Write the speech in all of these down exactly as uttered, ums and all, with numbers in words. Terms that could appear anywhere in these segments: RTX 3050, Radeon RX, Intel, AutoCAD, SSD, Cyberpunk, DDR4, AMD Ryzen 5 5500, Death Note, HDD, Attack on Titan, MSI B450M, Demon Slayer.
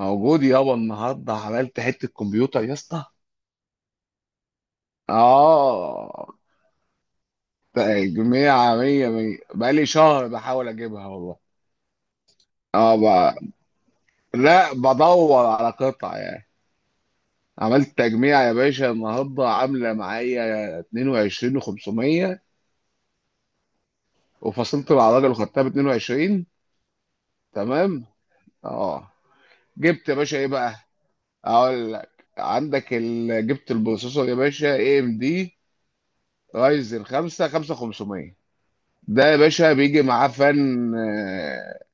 موجود يابا، النهارده عملت حته كمبيوتر يا اسطى. اه، تجميع مية مية. بقالي شهر بحاول اجيبها والله. اه بقى. لا، بدور على قطع يعني. عملت تجميع يا باشا، النهارده عامله معايا اتنين وعشرين و500، وفصلت مع الراجل وخدتها ب اتنين وعشرين. تمام. اه. جبت يا باشا ايه بقى؟ اقول لك، عندك ال... جبت البروسيسور يا باشا اي ام دي رايزن خمسة خمسة خمسمية. ده يا باشا بيجي معاه فن آه،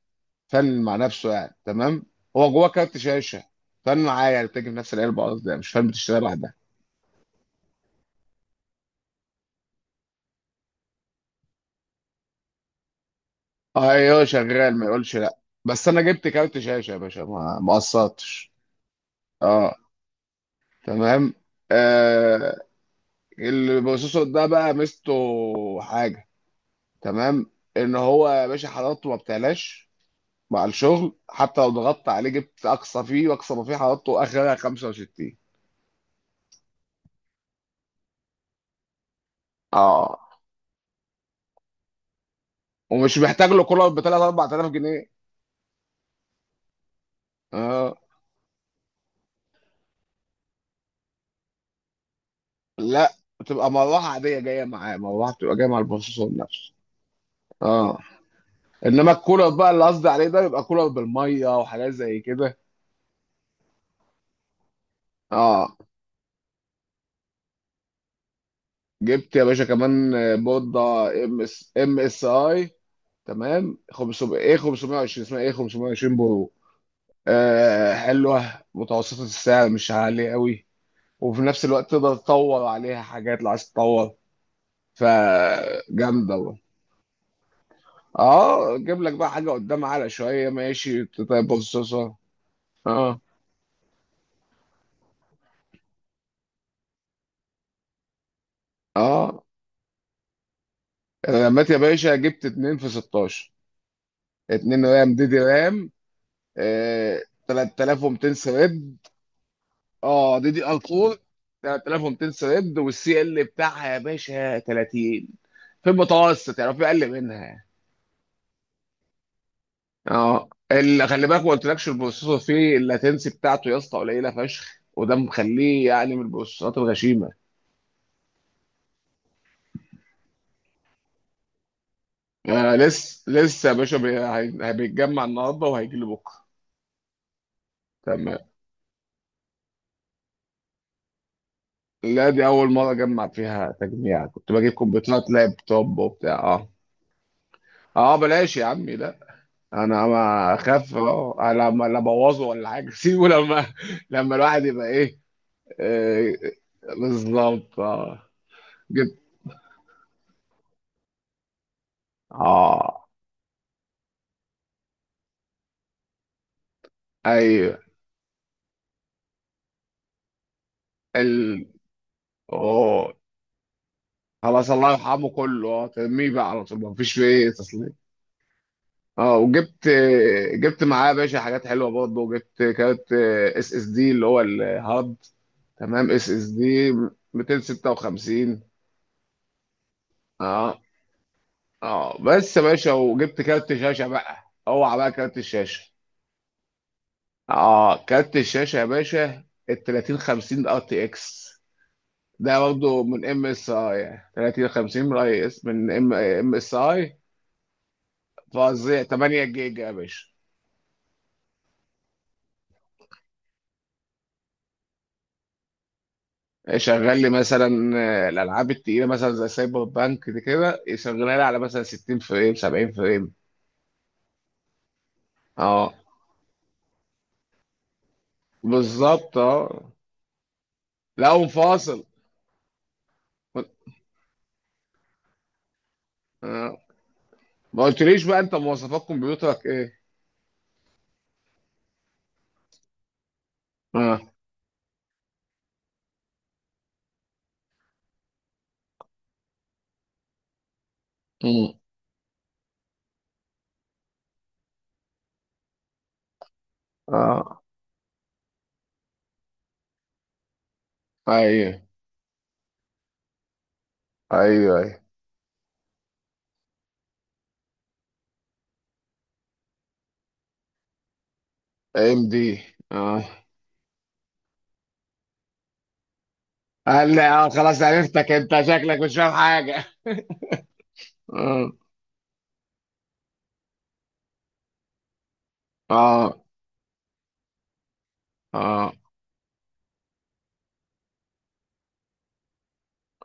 فن مع نفسه يعني، تمام. هو جواه كارت شاشه. فن معاه يعني، بتيجي في نفس العلبه، قصدي يعني مش فن بتشتريها لوحدها. اه، ايوه شغال، ما يقولش لا. بس انا جبت كارت شاشه يا باشا، ما ما قصرتش. اه. تمام. آه. اللي بخصوصه ده بقى ميزته، حاجه، تمام، ان هو يا باشا حرارته ما بتعلاش مع الشغل. حتى لو ضغطت عليه، جبت اقصى فيه واقصى ما فيه، حرارته اخرها خمسة وستين. اه، ومش محتاج له كولر ب تلاتة اربعة آلاف جنيه. اه. لا، بتبقى مروحه عاديه جايه معاه، مروحه بتبقى جايه مع البروسيسور نفسه. اه. انما الكولر بقى اللي قصدي عليه ده، بيبقى كولر بالميه وحاجات زي كده. اه. جبت يا باشا كمان آه، بورده ام اس ام اس اي، تمام. خمسمية ايه، خمسمية وعشرين، اسمها ايه، خمسمية وعشرين برو. آه، حلوه. متوسطه السعر، مش عاليه قوي، وفي نفس الوقت تقدر تطور عليها حاجات لو عايز تطور. فجامده. اه، جيب لك بقى حاجه قدام على شويه، ماشي طيب بصصه. اه. اه. انا لميت يا باشا، جبت اتنين في ستاشر. اتنين رام، دي دي رام. آه، تلاتتلاف ومتين سرد. اه، دي دي ار اربعة، تلاتة آلاف ومتين سرد. والسي ال بتاعها يا باشا تلاتين، في المتوسط يعني، في اقل منها. اه، اللي خلي بالك ما قلتلكش، البروسيسور فيه اللاتنسي بتاعته يا اسطى قليله فشخ، وده مخليه يعني من البروسيسورات الغشيمه. آه، لسه لسه يا باشا، بي- هي- هيتجمع النهارده وهيجي لي بكره. تمام. لا، دي اول مره اجمع فيها تجميع. كنت بجيب كمبيوترات لابتوب وبتاع. اه اه، بلاش يا عمي لا. انا ما اخاف، اه لما لا ابوظه ولا حاجه سيبه لما، لما الواحد يبقى ايه. آه، بالظبط اه. جبت. اه. ايوه. ال اوه، خلاص الله يرحمه، كله اه ترميه بقى على طول، ما فيش فيه تصليح. اه. وجبت، جبت معاه يا باشا حاجات حلوه برضه. جبت كارت اس اس دي اللي هو الهارد. تمام، اس اس دي متين وستة وخمسين. اه، اه. بس يا باشا، وجبت كارت شاشه بقى. اوعى بقى كارت الشاشه. اه، كارت الشاشه يا باشا ال تلاتة الاف وخمسين ار تي اكس. ده برضه من ام اس اي، تلاتة الاف وخمسين من اي اس، من ام ام اس اي. فظيع، تمنية جيجا يا باشا. شغال لي مثلا، آه، الالعاب التقيله مثلا زي سايبر بانك دي كده، يشغلها لي على مثلا ستين فريم، سبعين فريم. اه، بالظبط، اه. لا، ومفاصل. آه. ما قلتليش بقى انت مواصفات كمبيوترك ايه؟ اه. مم. اه، ايوه، ايوه، ايوه. ام دي. اه، قال لي اه خلاص، عرفتك، انت شكلك مش فاهم حاجه. اه، اه، اه،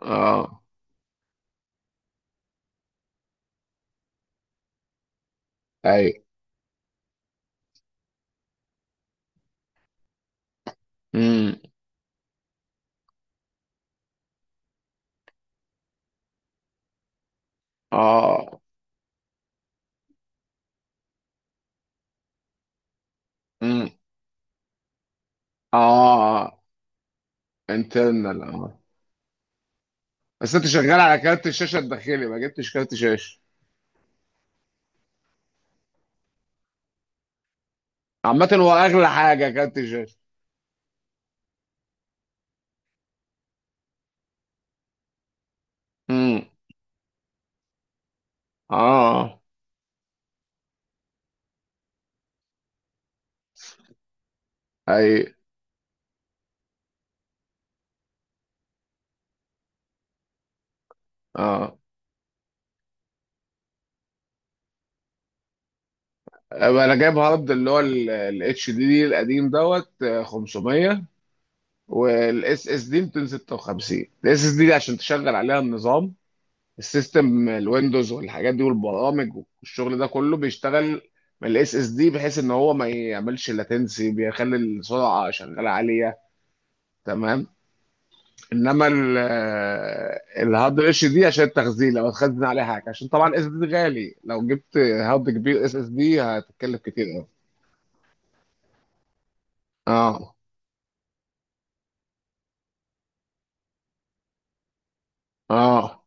اه. ايوه. امم. اه. امم. اه. انترنال. بس انت شغال على كارت الشاشه الداخلي، ما جبتش كارت شاشه. عامة هو اغلى حاجة كارت الشاشه. امم. اه. اي. اه. أبقى انا جايب هارد اللي هو الاتش دي دي القديم، دوت آه، خمسمية، والاس اس دي متين وستة وخمسين. الاس اس دي عشان تشغل عليها النظام، السيستم، الويندوز والحاجات دي والبرامج. والشغل ده كله بيشتغل من الاس اس دي، بحيث ان هو ما يعملش لاتنسي، بيخلي السرعة شغالة عالية. تمام. انما ال- الهارد اتش دي عشان التخزين، لو هتخزن عليه حاجه. عشان طبعا الاس اس دي غالي، لو جبت هارد كبير اس اس دي هتتكلف كتير قوي. اه، اه،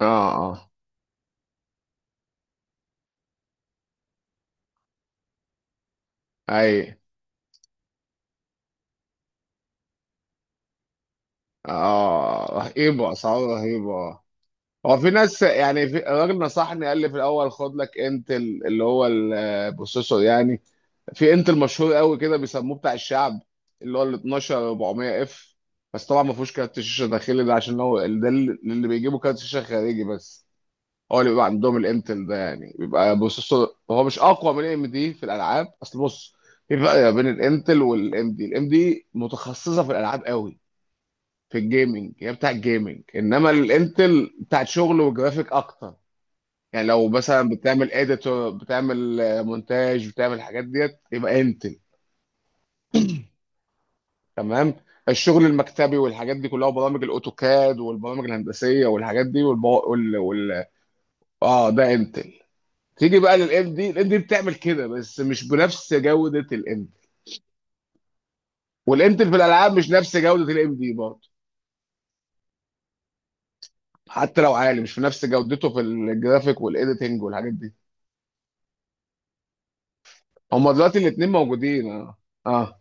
اه، اه، اي، اه، رهيبه، اسعار رهيبه. هو في ناس يعني، في الراجل نصحني قال لي في الاول، خد لك انتل اللي هو البروسيسور يعني. في انتل مشهور قوي كده بيسموه بتاع الشعب، اللي هو ال اتناشر اربعمية اف. بس طبعا ما فيهوش كارت شاشه داخلي، ده عشان هو ده اللي اللي بيجيبوا كارت شاشه خارجي بس. هو اللي بيبقى عندهم الانتل ده يعني، بيبقى بروسيسور هو مش اقوى من ام دي في الالعاب. اصل بص، في فرق بين الانتل والام دي. الام دي متخصصه في الالعاب قوي، في الجيمنج، هي بتاع الجيمنج. انما الانتل بتاعت شغل وجرافيك اكتر. يعني لو مثلا بتعمل اديتور، بتعمل آه، مونتاج، بتعمل الحاجات ديت، يبقى انت تمام. الشغل المكتبي والحاجات دي كلها، وبرامج الاوتوكاد والبرامج الهندسيه والحاجات دي والب... وال... وال... اه ده انتل. تيجي بقى للام دي، الام دي بتعمل كده بس مش بنفس جوده الانتل. والانتل في الالعاب مش نفس جوده الام دي برضه. حتى لو عالي، مش في نفس جودته في الجرافيك والايديتنج والحاجات دي. هما دلوقتي الاثنين موجودين، اه. اه،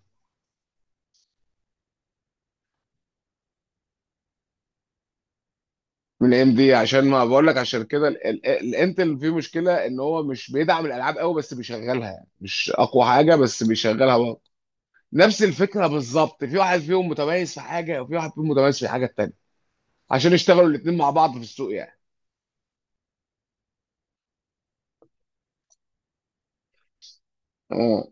من الام دي. عشان ما بقول لك، عشان كده ال- ال- الانتل فيه مشكله، ان هو مش بيدعم الالعاب قوي، بس بيشغلها يعني. مش اقوى حاجه، بس بيشغلها. نفس الفكره بالظبط، في واحد فيهم متميز في حاجه، وفي واحد فيهم متميز في الحاجه التانيه، عشان يشتغلوا الاثنين مع بعض في السوق يعني. مم.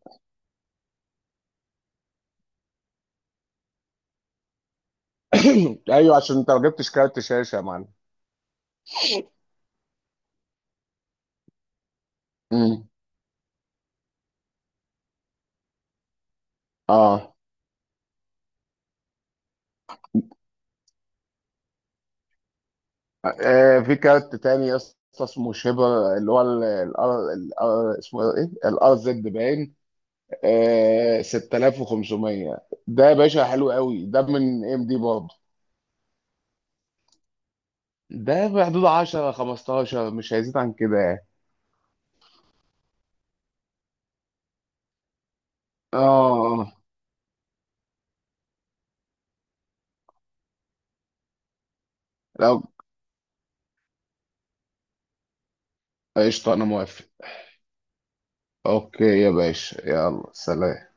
ايوه، عشان انت ما جبتش كارت شاشه يا معلم. امم. اه. آه، في كارت تاني يا اسطى، اسمه شيبر، اللي هو ال ال ال اسمه ايه، الار زد باين. آه ستتلاف وخمسمية. ده يا باشا حلو قوي، ده من ام دي برضه. ده في حدود عشرة خمستاشر، مش هيزيد عن كده يعني. اه. آه. لو. قشطه، انا موافق. اوكي يا باشا، يلا سلام.